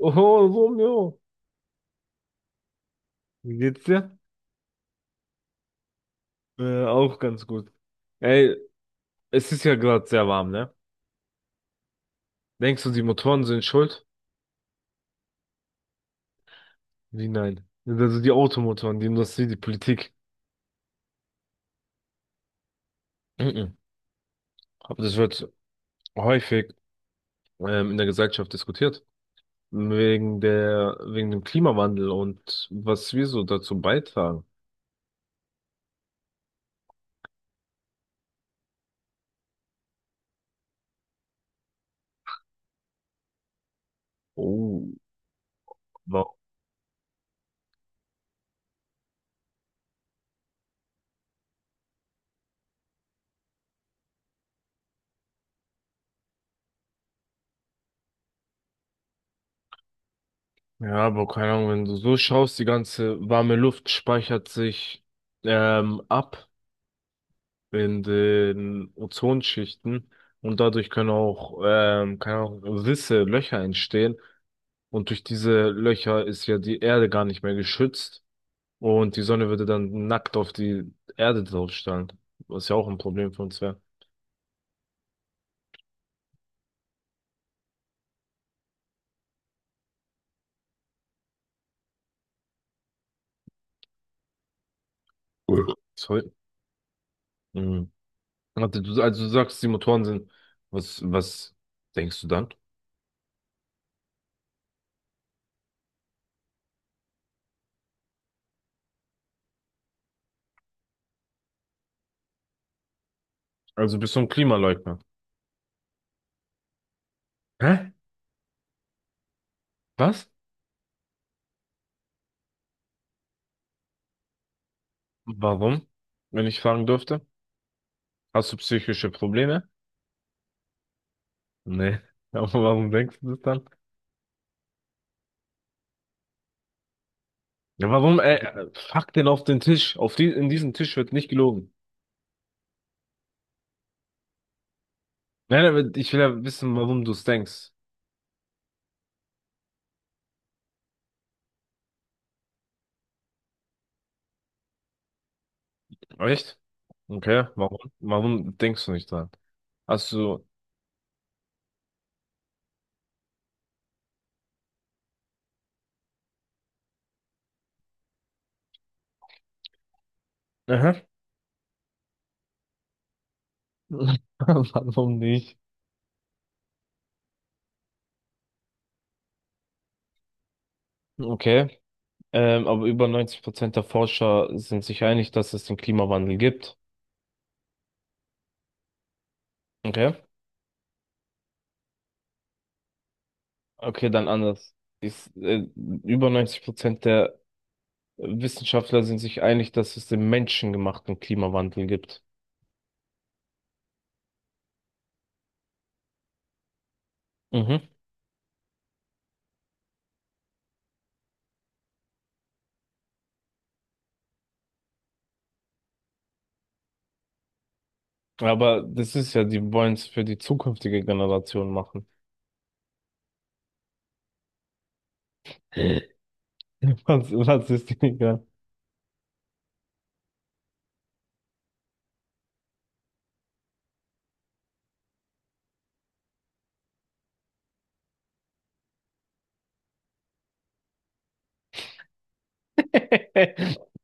Oh, Romeo, wie geht's dir? Auch ganz gut. Ey, es ist ja gerade sehr warm, ne? Denkst du, die Motoren sind schuld? Wie nein? Also die Automotoren, die Industrie, die Politik. Mhm. Aber das wird häufig in der Gesellschaft diskutiert. Wegen dem Klimawandel und was wir so dazu beitragen. Oh, wow. Ja, aber keine Ahnung, wenn du so schaust, die ganze warme Luft speichert sich ab in den Ozonschichten, und dadurch können auch Risse, Löcher entstehen, und durch diese Löcher ist ja die Erde gar nicht mehr geschützt, und die Sonne würde dann nackt auf die Erde draufstrahlen, was ja auch ein Problem für uns wäre. Cool. Sorry. Mhm. Warte, du, also du sagst, die Motoren sind, was denkst du dann? Also bist du ein Klimaleugner? Hä? Was? Warum? Wenn ich fragen dürfte? Hast du psychische Probleme? Nee. Aber warum denkst du das dann? Ja, warum, ey, pack den auf den Tisch. In diesen Tisch wird nicht gelogen. Nein, aber ich will ja wissen, warum du es denkst. Echt? Okay, warum? Warum denkst du nicht dran? Hast du. Aha. Warum nicht? Okay. Aber über 90% der Forscher sind sich einig, dass es den Klimawandel gibt. Okay. Okay, dann anders. Ist, über 90% der Wissenschaftler sind sich einig, dass es den menschengemachten Klimawandel gibt. Mhm. Aber das ist ja, die wollen es für die zukünftige Generation machen. Was, was ist die egal?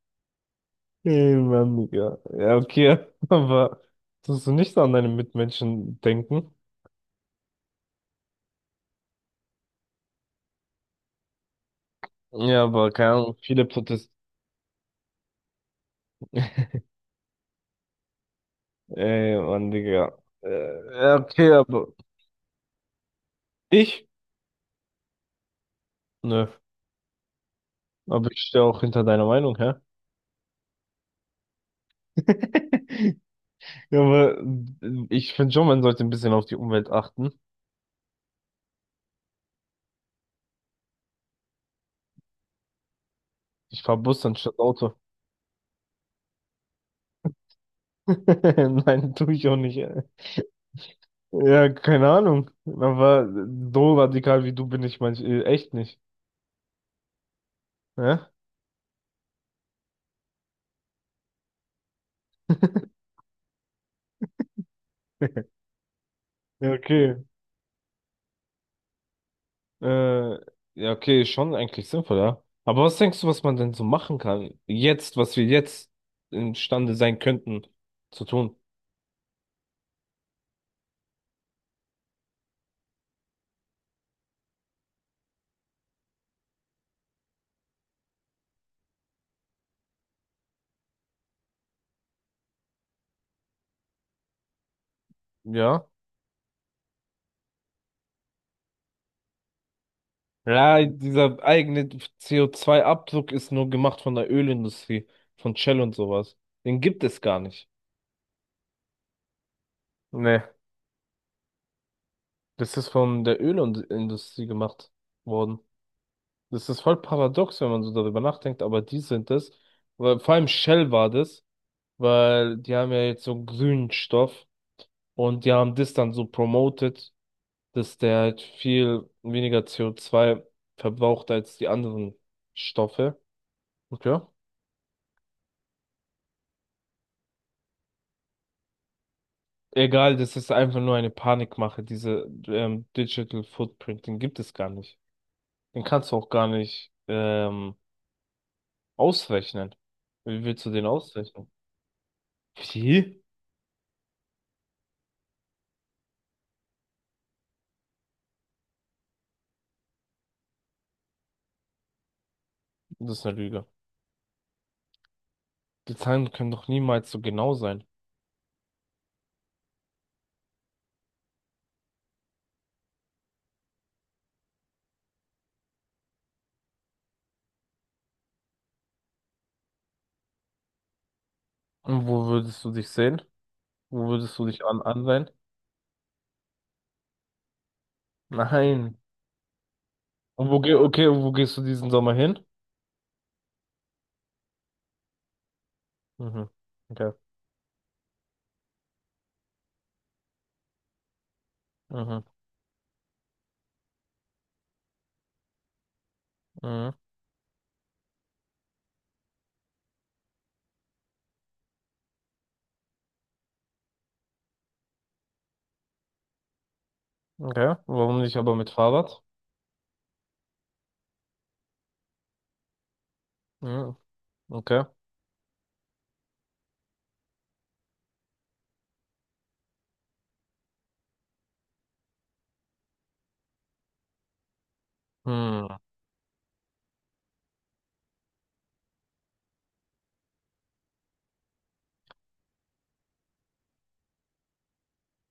Ey, Mann, Digga. Ja, okay, aber tust du nicht so an deine Mitmenschen denken? Ja, aber keine Ahnung, viele Protest. Ey, Mann, Digga. Ja, okay, aber ich? Nö. Aber ich stehe auch hinter deiner Meinung, hä? Ja, aber ich finde schon, man sollte ein bisschen auf die Umwelt achten. Ich fahr Bus anstatt Auto. Nein, tue ich auch nicht. Ja, keine Ahnung. Aber so radikal wie du bin ich manch echt nicht. Ja? Ja, okay. Äh, ja, okay, schon eigentlich sinnvoll, ja. Aber was denkst du, was man denn so machen kann? Jetzt, was wir jetzt imstande sein könnten zu tun? Ja. Ja, dieser eigene CO2-Abdruck ist nur gemacht von der Ölindustrie, von Shell und sowas. Den gibt es gar nicht. Nee, das ist von der Ölindustrie gemacht worden. Das ist voll paradox, wenn man so darüber nachdenkt, aber die sind es. Weil, vor allem Shell war das, weil die haben ja jetzt so einen grünen Stoff und die haben das dann so promoted, dass der halt viel weniger CO2 verbraucht als die anderen Stoffe. Okay. Egal, das ist einfach nur eine Panikmache. Diese Digital Footprint, den gibt es gar nicht. Den kannst du auch gar nicht ausrechnen. Wie willst du den ausrechnen? Wie? Das ist eine Lüge. Die Zahlen können doch niemals so genau sein. Und wo würdest du dich sehen? Wo würdest du dich an ansehen? Nein. Und wo geh Okay, und wo gehst du diesen Sommer hin? Mhm. Okay. Mhm. Mhm. Okay. Warum nicht aber mit Fahrrad? Mhm. Okay. Hm.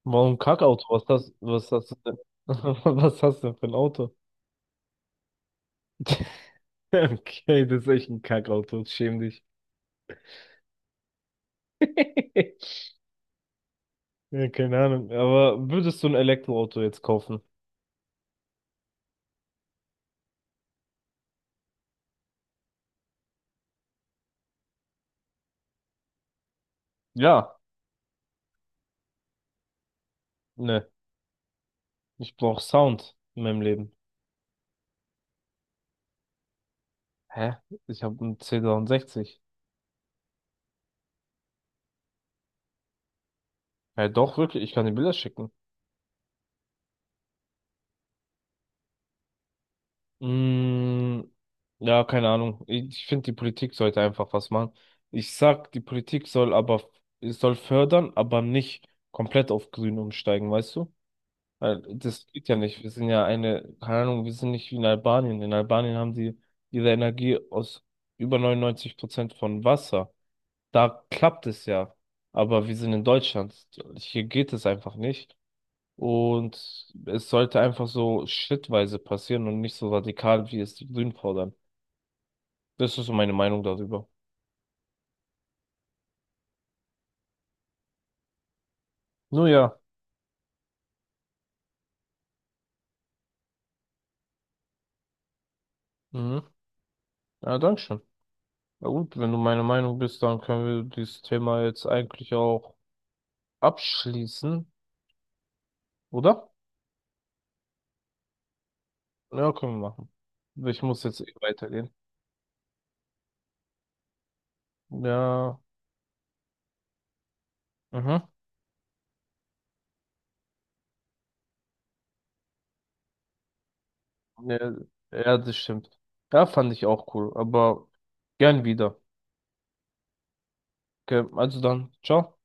Warum Kackauto? Was hast du denn? Was hast du denn für ein Auto? Okay, das ist echt ein Kackauto. Schäm dich. Ja, keine Ahnung. Aber würdest du ein Elektroauto jetzt kaufen? Ja. Ne. Ich brauche Sound in meinem Leben. Hä? Ich habe einen c 63. Ja, doch, wirklich. Ich kann dir Bilder schicken. Mm, ja, keine Ahnung. Ich finde, die Politik sollte einfach was machen. Ich sag, die Politik soll aber, es soll fördern, aber nicht komplett auf Grün umsteigen, weißt du? Weil das geht ja nicht. Wir sind ja eine, keine Ahnung, wir sind nicht wie in Albanien. In Albanien haben die ihre Energie aus über 99% von Wasser. Da klappt es ja. Aber wir sind in Deutschland. Hier geht es einfach nicht. Und es sollte einfach so schrittweise passieren und nicht so radikal, wie es die Grünen fordern. Das ist so meine Meinung darüber. Nun ja. Mhm. Ja, danke schön. Na gut, wenn du meine Meinung bist, dann können wir dieses Thema jetzt eigentlich auch abschließen, oder? Ja, können wir machen. Ich muss jetzt eh weitergehen. Ja. Mhm. Ja, ja, das stimmt. Ja, fand ich auch cool, aber gern wieder. Okay, also dann, ciao.